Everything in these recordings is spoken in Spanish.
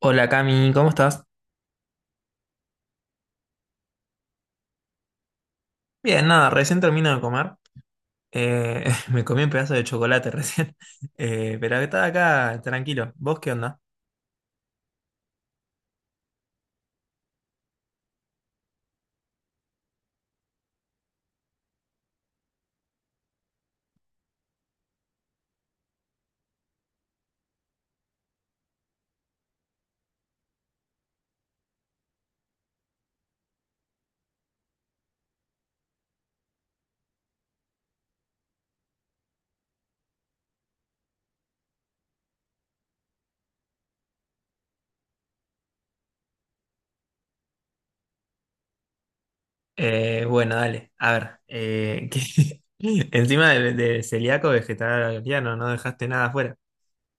Hola Cami, ¿cómo estás? Bien, nada, recién termino de comer. Eh, me comí un pedazo de chocolate recién. Pero estaba acá tranquilo. ¿Vos qué onda? Bueno, dale, a ver. ¿Qué- Encima de, celíaco, vegetariano, no dejaste nada afuera.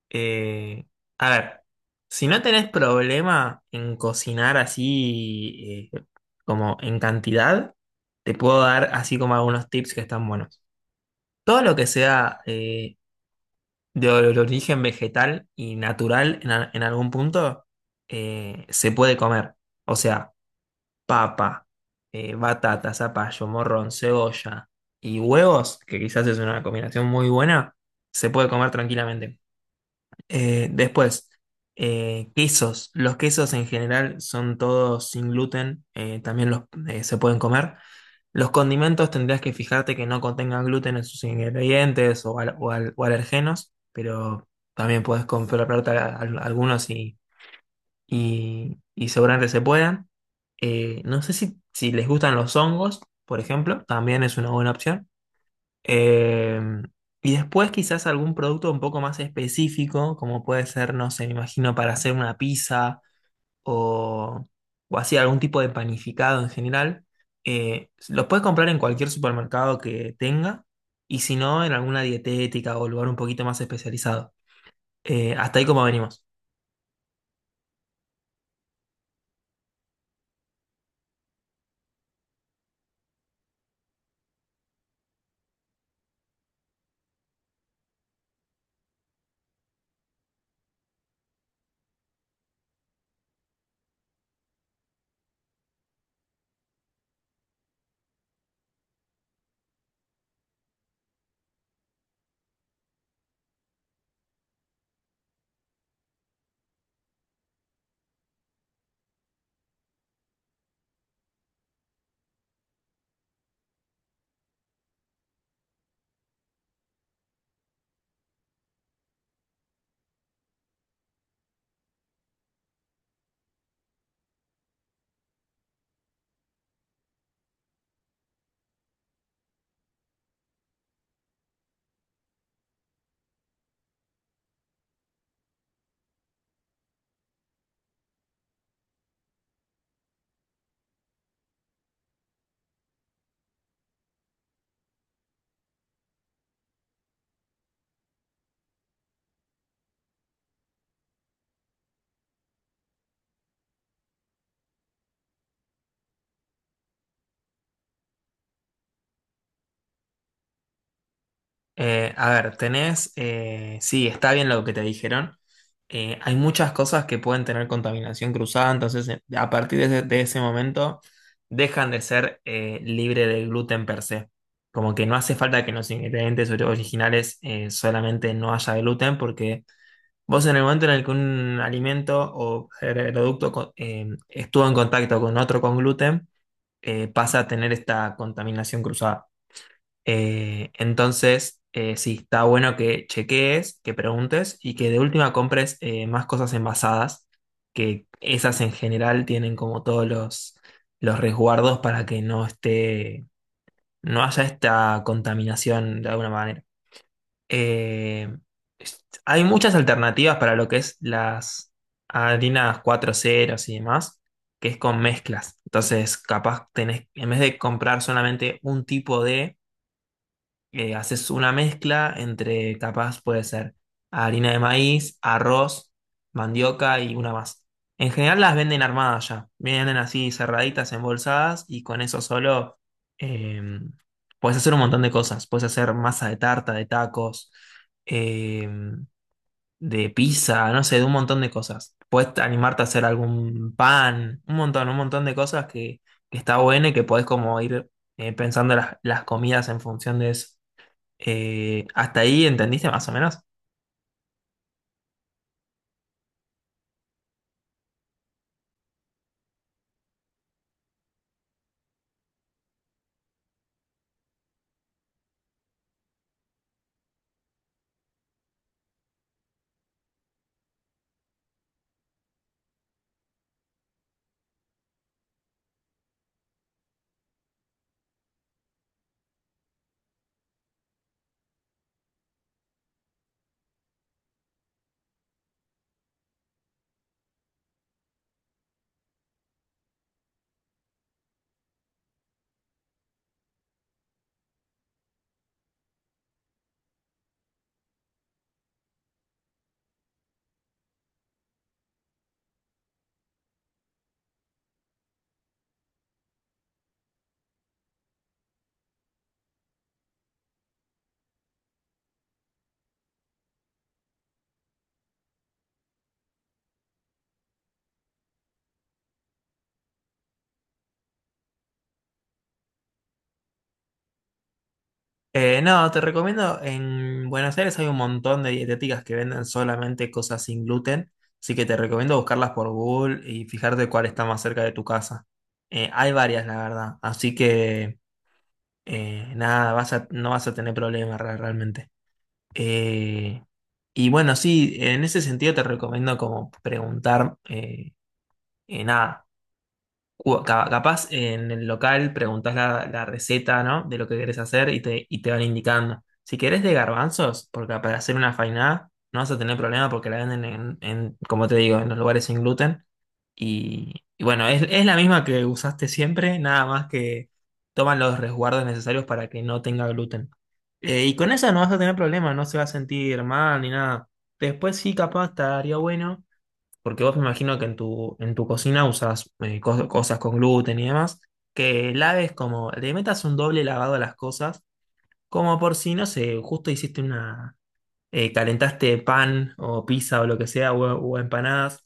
Eh, a ver, si no tenés problema en cocinar así como en cantidad, te puedo dar así como algunos tips que están buenos. Todo lo que sea de origen vegetal y natural en, en algún punto se puede comer. O sea, papa, batata, zapallo, morrón, cebolla y huevos, que quizás es una combinación muy buena, se puede comer tranquilamente. Eh, después, quesos. Los quesos en general son todos sin gluten, también los se pueden comer. Los condimentos tendrías que fijarte que no contengan gluten en sus ingredientes o, o alergenos, pero también puedes comprarte algunos y, y seguramente se puedan. No sé si, si les gustan los hongos, por ejemplo, también es una buena opción. Em, y después quizás algún producto un poco más específico, como puede ser, no sé, me imagino para hacer una pizza o, o así algún tipo de panificado en general. Los puedes comprar en cualquier supermercado que tenga y si no, en alguna dietética o lugar un poquito más especializado. Hasta ahí como venimos. Sí, está bien lo que te dijeron. Hay muchas cosas que pueden tener contaminación cruzada, entonces a partir de ese, momento dejan de ser libre de gluten per se. Como que no hace falta que en los ingredientes originales solamente no haya gluten, porque vos en el momento en el que un alimento o producto estuvo en contacto con otro con gluten, pasa a tener esta contaminación cruzada. Sí, está bueno que chequees, que preguntes y que de última compres más cosas envasadas, que esas en general tienen como todos los resguardos para que no esté, no haya esta contaminación de alguna manera. Eh, Hay muchas alternativas para lo que es las harinas cuatro ceros y demás, que es con mezclas. Entonces, capaz tenés, en vez de comprar solamente un tipo de haces una mezcla entre, capaz puede ser harina de maíz, arroz, mandioca y una más. En general las venden armadas ya, vienen así cerraditas, embolsadas y con eso solo eh, puedes hacer un montón de cosas. Puedes hacer masa de tarta, de tacos, eh, de pizza, no sé, de un montón de cosas. Puedes animarte a hacer algún pan, un montón de cosas que está bueno y que podés como ir pensando las comidas en función de eso. ¿Hasta ahí entendiste más o menos? No, te recomiendo, en Buenos Aires hay un montón de dietéticas que venden solamente cosas sin gluten, así que te recomiendo buscarlas por Google y fijarte cuál está más cerca de tu casa. Hay varias, la verdad, así que nada, no vas a tener problemas realmente. Eh, y bueno, sí, en ese sentido te recomiendo como preguntar, nada, capaz en el local preguntás la, la receta, ¿no? De lo que querés hacer y te van indicando. Si querés de garbanzos, porque para hacer una fainá no vas a tener problema porque la venden en, como te digo, en los lugares sin gluten. Y bueno, es la misma que usaste siempre, nada más que toman los resguardos necesarios para que no tenga gluten. Y con eso no vas a tener problema, no se va a sentir mal ni nada. Después sí, capaz estaría bueno porque vos me imagino que en tu cocina usas cosas con gluten y demás, que laves como, le metas un doble lavado a las cosas, como por si, no sé, justo hiciste una, calentaste pan o pizza o lo que sea, o empanadas,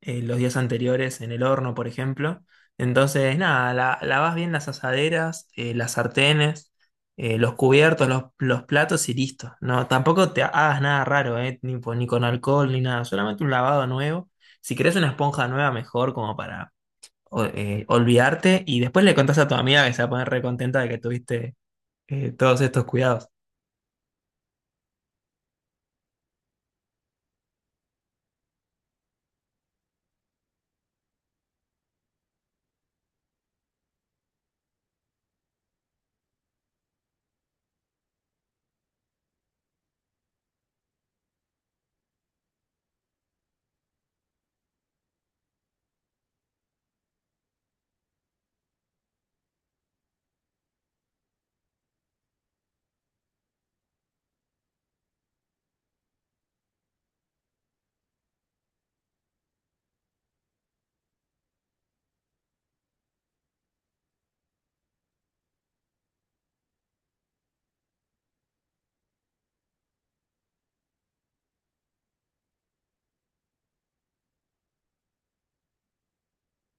los días anteriores en el horno, por ejemplo. Entonces, nada, lavas bien las asaderas, las sartenes, los cubiertos, los platos y listo. No, tampoco te hagas nada raro, ni, ni con alcohol ni nada, solamente un lavado nuevo. Si querés una esponja nueva, mejor como para olvidarte y después le contás a tu amiga que se va a poner recontenta de que tuviste todos estos cuidados.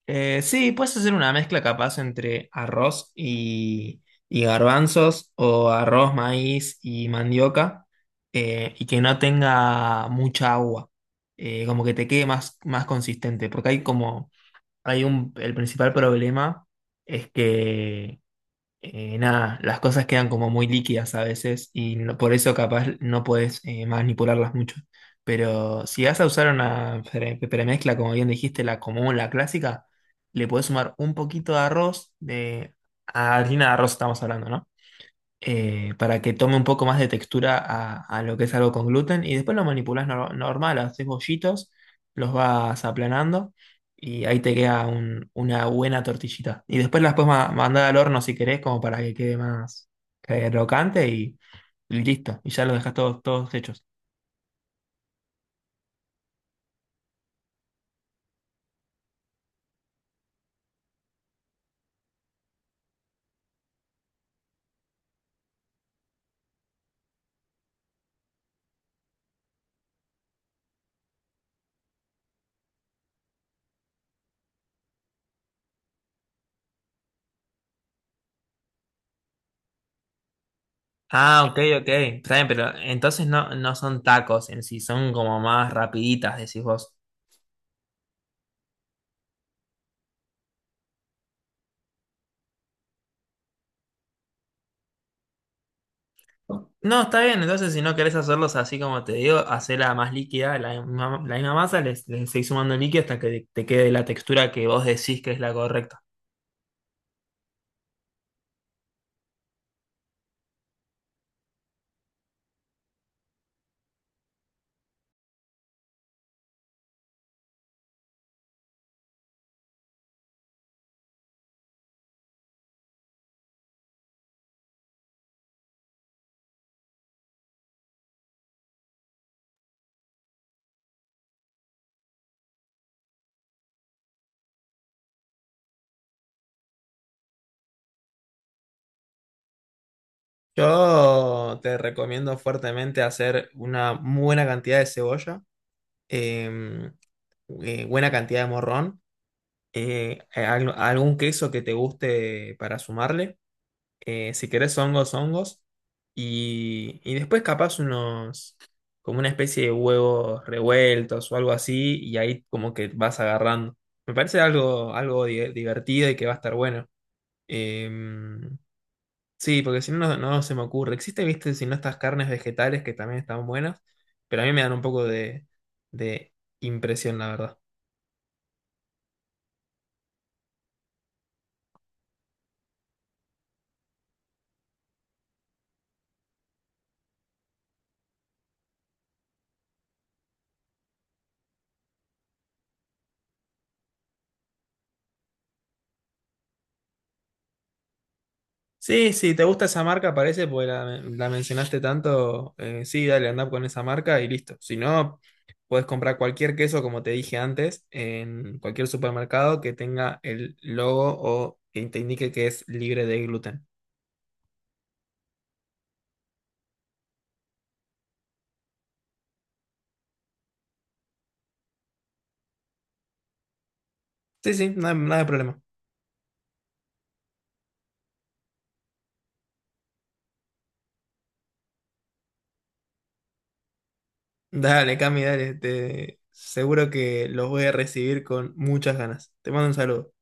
Sí, puedes hacer una mezcla capaz entre arroz y garbanzos o arroz, maíz y mandioca y que no tenga mucha agua. Como que te quede más, más consistente, porque hay como, hay un, el principal problema es que nada, las cosas quedan como muy líquidas a veces y por eso capaz no puedes manipularlas mucho. Pero si vas a usar una premezcla, como bien dijiste, la común, la clásica, le puedes sumar un poquito de arroz, de harina de arroz estamos hablando, ¿no? Para que tome un poco más de textura a lo que es algo con gluten. Y después lo manipulas normal, haces bollitos, los vas aplanando y ahí te queda una buena tortillita. Y después las puedes mandar al horno si querés, como para que quede más crocante y listo. Y ya lo dejas todos, todos hechos. Ah, ok, ok. Está bien, pero entonces no, no son tacos en sí, son como más rapiditas, decís vos. No, está bien, entonces si no querés hacerlos así como te digo, hacela más líquida, la misma masa, les seguís sumando líquido hasta que te quede la textura que vos decís que es la correcta. Yo te recomiendo fuertemente hacer una muy buena cantidad de cebolla, em, buena cantidad de morrón, algún queso que te guste para sumarle. Si querés hongos, hongos, y después capaz unos, como una especie de huevos revueltos o algo así, y ahí como que vas agarrando. Me parece algo, algo divertido y que va a estar bueno. Em, sí, porque si no, no se me ocurre. Existe, viste, si no, estas carnes vegetales que también están buenas, pero a mí me dan un poco de impresión, la verdad. Sí, sí, te gusta esa marca, parece, porque la mencionaste tanto. Sí, dale, andá con esa marca y listo. Si no, puedes comprar cualquier queso, como te dije antes, en cualquier supermercado que tenga el logo o que te indique que es libre de gluten. Sí, sí, nada, nada de problema. Dale, Cami, dale. Te, seguro que los voy a recibir con muchas ganas. Te mando un saludo.